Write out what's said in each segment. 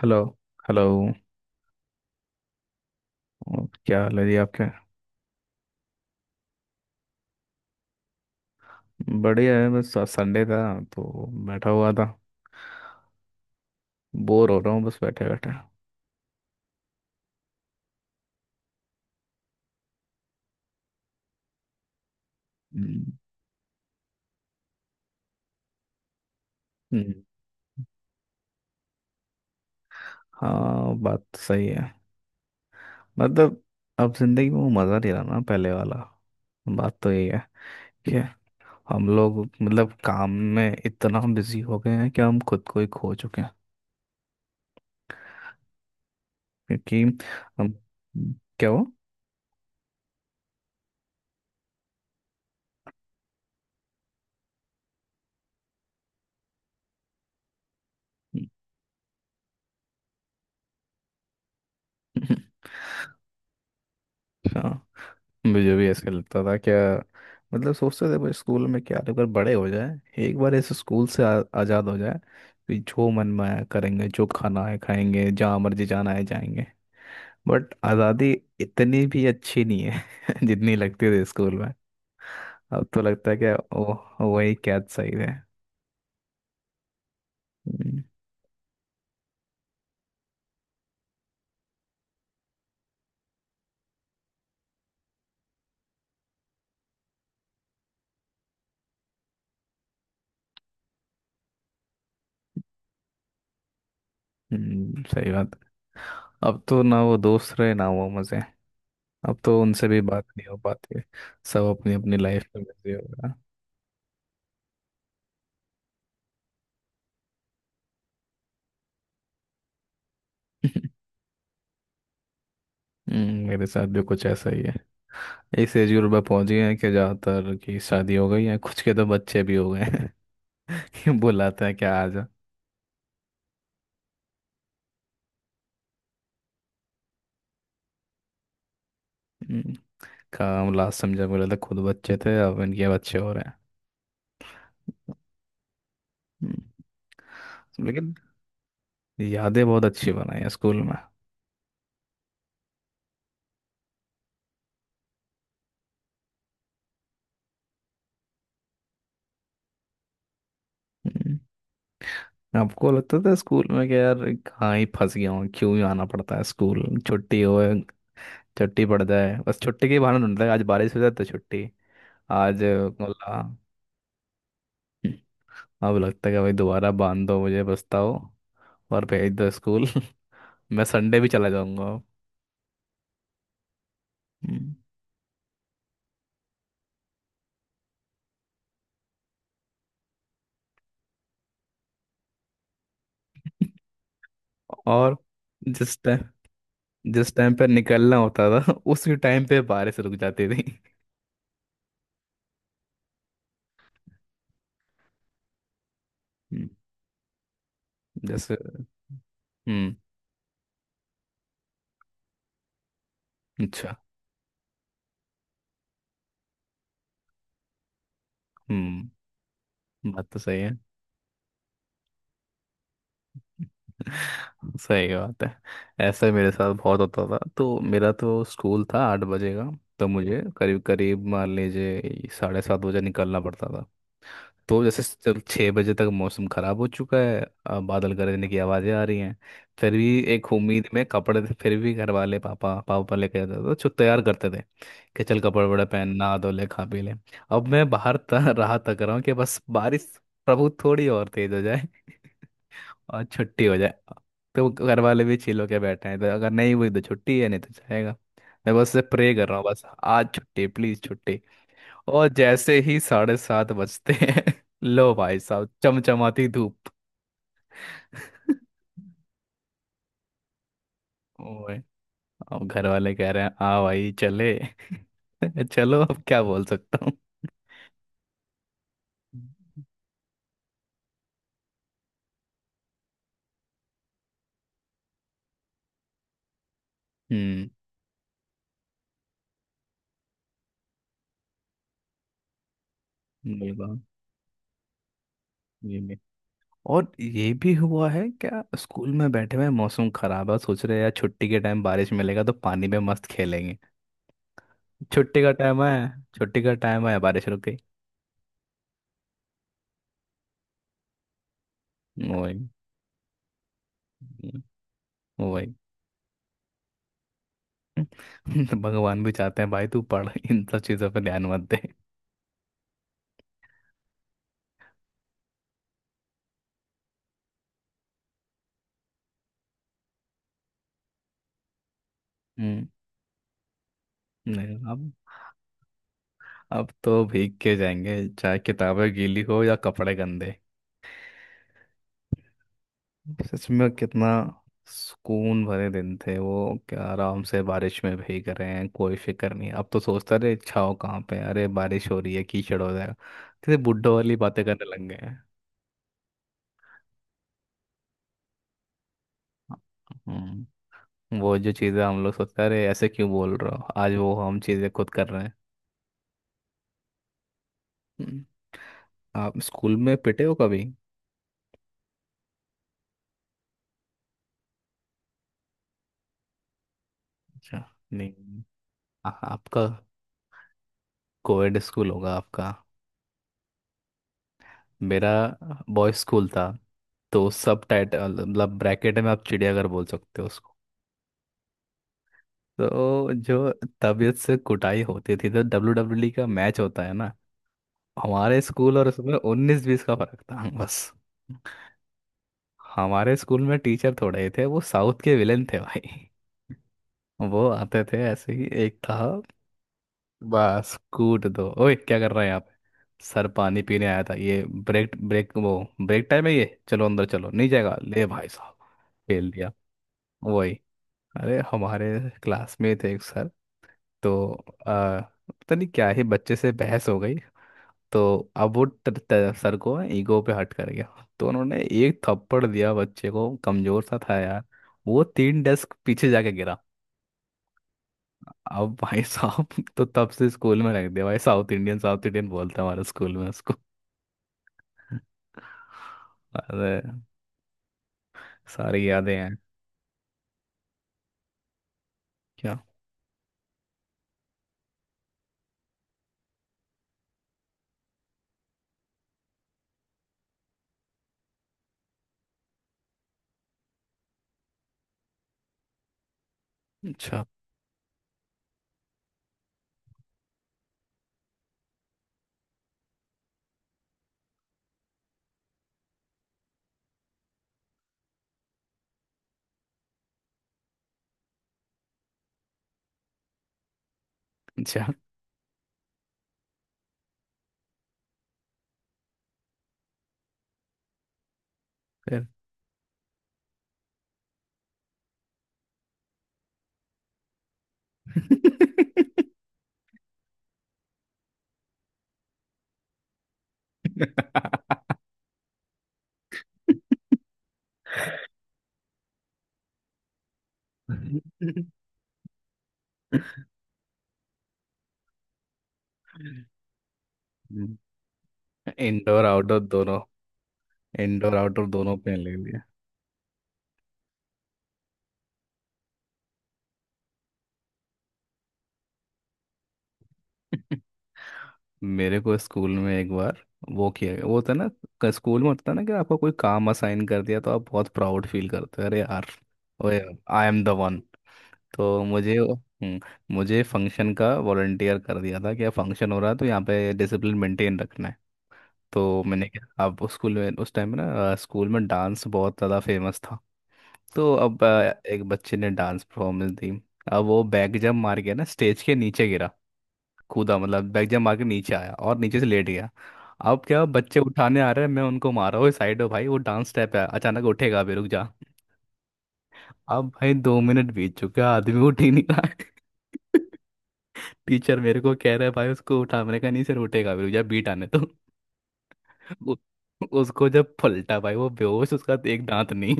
Hello. Hello. और क्या हाल है जी आपके। बढ़िया है, बस आज संडे था तो बैठा हुआ था। बोर हो रहा हूँ बस बैठे बैठे। हम्म। हम्म। हाँ बात तो सही है। मतलब अब जिंदगी में वो मज़ा नहीं रहा ना पहले वाला। बात तो यही है कि हम लोग मतलब काम में इतना बिजी हो गए हैं कि हम खुद को ही खो चुके हैं। क्योंकि हम क्या वो हाँ। मुझे भी ऐसे लगता था क्या। मतलब सोचते थे भाई स्कूल में क्या तो अगर बड़े हो जाए एक बार ऐसे स्कूल से आज़ाद हो जाए। कि जो मन में आया करेंगे जो खाना है खाएंगे जहाँ मर्जी जाना है जाएंगे। बट आज़ादी इतनी भी अच्छी नहीं है जितनी लगती थी स्कूल में। अब तो लगता है क्या ओ वही कैद सही है। हम्म। सही बात। अब तो ना वो दोस्त रहे ना वो मज़े। अब तो उनसे भी बात नहीं हो पाती। सब अपनी अपनी लाइफ में बिजी हो गया मेरे साथ भी कुछ ऐसा ही है। इस एज ग्रुप में पहुंच गए हैं कि ज्यादातर की शादी हो गई है, कुछ के तो बच्चे भी हो गए हैं ये बुलाता है क्या आ जा। हम्म, काम लास्ट समझा बोला था खुद बच्चे थे अब इनके बच्चे हो रहे हैं। हम्म। लेकिन यादें बहुत अच्छी बनाई है स्कूल में। हम्म। आपको लगता था स्कूल में कि यार कहाँ ही फंस गया हूँ क्यों ही आना पड़ता है स्कूल छुट्टी हो, छुट्टी पड़ जाए बस छुट्टी के बहाने ढूंढता है। आज बारिश हो जाए तो छुट्टी। आज बोला। अब लगता है कि भाई दोबारा बांध दो मुझे पछताओ और भेज दो स्कूल मैं संडे भी चला जाऊंगा। हम्म। और जिस टाइम जिस टाइम पे निकलना होता था उसी टाइम पे बारिश रुक जाती थी हम्म। जैसे। हम्म। अच्छा। हम्म। बात तो सही है सही बात है। ऐसा ही मेरे साथ बहुत होता था तो मेरा तो स्कूल था 8 बजे का। तो मुझे करीब करीब मान लीजिए 7:30 बजे निकलना पड़ता था। तो जैसे चल 6 बजे तक मौसम खराब हो चुका है। बादल गरजने की आवाज़ें आ रही हैं। फिर भी एक उम्मीद में कपड़े थे, फिर भी घर वाले पापा पापा लेके जाते थे तो तैयार करते थे। कि चल कपड़े वपड़े पहन नहा धो ले खा पी ले। अब मैं बाहर राह तक रहा हूँ कि बस बारिश प्रभु थोड़ी और तेज हो जाए और छुट्टी हो जाए। तो घर वाले भी चिल होके बैठे हैं तो अगर नहीं हुई तो छुट्टी है नहीं तो जाएगा। मैं बस प्रे कर रहा हूँ बस आज छुट्टी प्लीज छुट्टी। और जैसे ही 7:30 बजते हैं लो भाई साहब चमचमाती धूप। ओए। अब घर वाले कह रहे हैं आ भाई चले चलो अब क्या बोल सकता हूँ। हम्म। ये बात। ये भी। और ये भी हुआ है क्या स्कूल में बैठे हुए हैं, मौसम खराब है सोच रहे हैं यार छुट्टी के टाइम बारिश मिलेगा तो पानी में मस्त खेलेंगे। छुट्टी का टाइम है छुट्टी का टाइम है बारिश रुक गई। वही। वही तो भगवान भी चाहते हैं भाई तू पढ़ इन सब चीज़ों पे ध्यान मत दे। हम्म। नहीं, अब अब तो भीग के जाएंगे चाहे किताबें गीली हो या कपड़े गंदे। सच में कितना सुकून भरे दिन थे वो। क्या आराम से बारिश में भीग रहे हैं कोई फिक्र नहीं। अब तो सोचता रहे छाँव कहाँ पे है, अरे बारिश हो रही है कीचड़ हो जाएगा। किसी बुड्ढों वाली बातें करने लग गए हैं। हम्म। वो जो चीज़ें हम लोग सोचते हैं, अरे ऐसे क्यों बोल रहे हो आज वो हम चीज़ें खुद कर रहे हैं। आप स्कूल में पिटे हो कभी। अच्छा। नहीं। आपका कोएड स्कूल होगा आपका। मेरा बॉयज स्कूल था। तो सब टाइटल मतलब ब्रैकेट में आप चिड़ियाघर बोल सकते हो उसको। तो जो तबीयत से कुटाई होती थी तो डब्ल्यू डब्ल्यू ई का मैच होता है ना हमारे स्कूल और उसमें उन्नीस बीस का फर्क था बस। हमारे स्कूल में टीचर थोड़े ही थे, वो साउथ के विलेन थे भाई। वो आते थे ऐसे ही एक था बस कूट दो। ओए क्या कर रहे हैं आप। सर पानी पीने आया था ये ब्रेक ब्रेक वो। ब्रेक टाइम है ये चलो अंदर चलो नहीं जाएगा ले भाई साहब। फेल दिया। वही। अरे हमारे क्लास में थे एक सर। तो आ, पता नहीं क्या ही बच्चे से बहस हो गई। तो अब वो ट, ट, सर को ईगो पे हट कर गया तो उन्होंने एक थप्पड़ दिया बच्चे को कमजोर सा था यार वो तीन डेस्क पीछे जाके गिरा। अब भाई साहब तो तब से स्कूल में रख दिया भाई साउथ इंडियन बोलता है हमारे स्कूल में उसको अरे सारी यादें हैं। क्या। अच्छा। अच्छा। फिर इंडोर आउटडोर दोनों। इंडोर आउटडोर दोनों पे ले लिया मेरे को स्कूल में एक बार वो किया गया वो होता है ना स्कूल में होता है ना कि आपको कोई काम असाइन कर दिया तो आप बहुत प्राउड फील करते हो अरे यार ओए आई एम द वन। तो मुझे मुझे फंक्शन का वॉलंटियर कर दिया था कि फंक्शन हो रहा है तो यहाँ पे डिसिप्लिन मेंटेन रखना है। तो मैंने क्या अब उस स्कूल में उस टाइम में ना स्कूल में डांस बहुत ज़्यादा फेमस था। तो अब एक बच्चे ने डांस परफॉर्मेंस दी। अब वो बैक जंप मार के ना स्टेज के नीचे गिरा। कूदा मतलब बैक जंप मार के नीचे आया और नीचे से लेट गया। अब क्या बच्चे उठाने आ रहे हैं मैं उनको मारा हुआ साइड हो भाई वो डांस स्टेप है अचानक उठेगा भी रुक जा। अब भाई 2 मिनट बीत चुके हैं, आदमी उठ ही नहीं रहा है। टीचर मेरे को कह रहा है भाई उसको उठा। मैंने कहा नहीं सर उठेगा भी जब बीट आने तो उ- उसको जब पलटा भाई वो बेहोश उसका एक दांत नहीं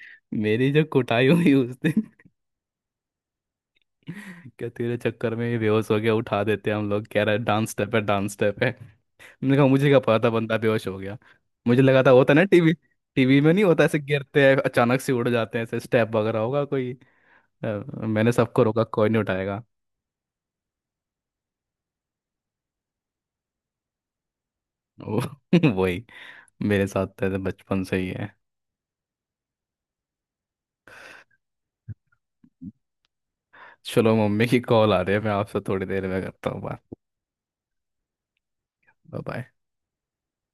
मेरी जो कुटाई हुई उस दिन क्या तेरे चक्कर में ये बेहोश हो गया उठा देते हैं हम लोग कह रहा है डांस स्टेप है डांस स्टेप है। मैंने कहा मुझे क्या पता था बंदा बेहोश हो गया। मुझे लगा था होता ना टीवी। टीवी में नहीं होता ऐसे गिरते हैं अचानक से उड़ जाते हैं ऐसे स्टेप वगैरह होगा कोई। अ, मैंने सबको रोका कोई नहीं उठाएगा। वो वही। मेरे साथ तो ऐसे बचपन से ही है। चलो मम्मी की कॉल आ रही है मैं आपसे थोड़ी देर में करता हूँ बात। Bye bye.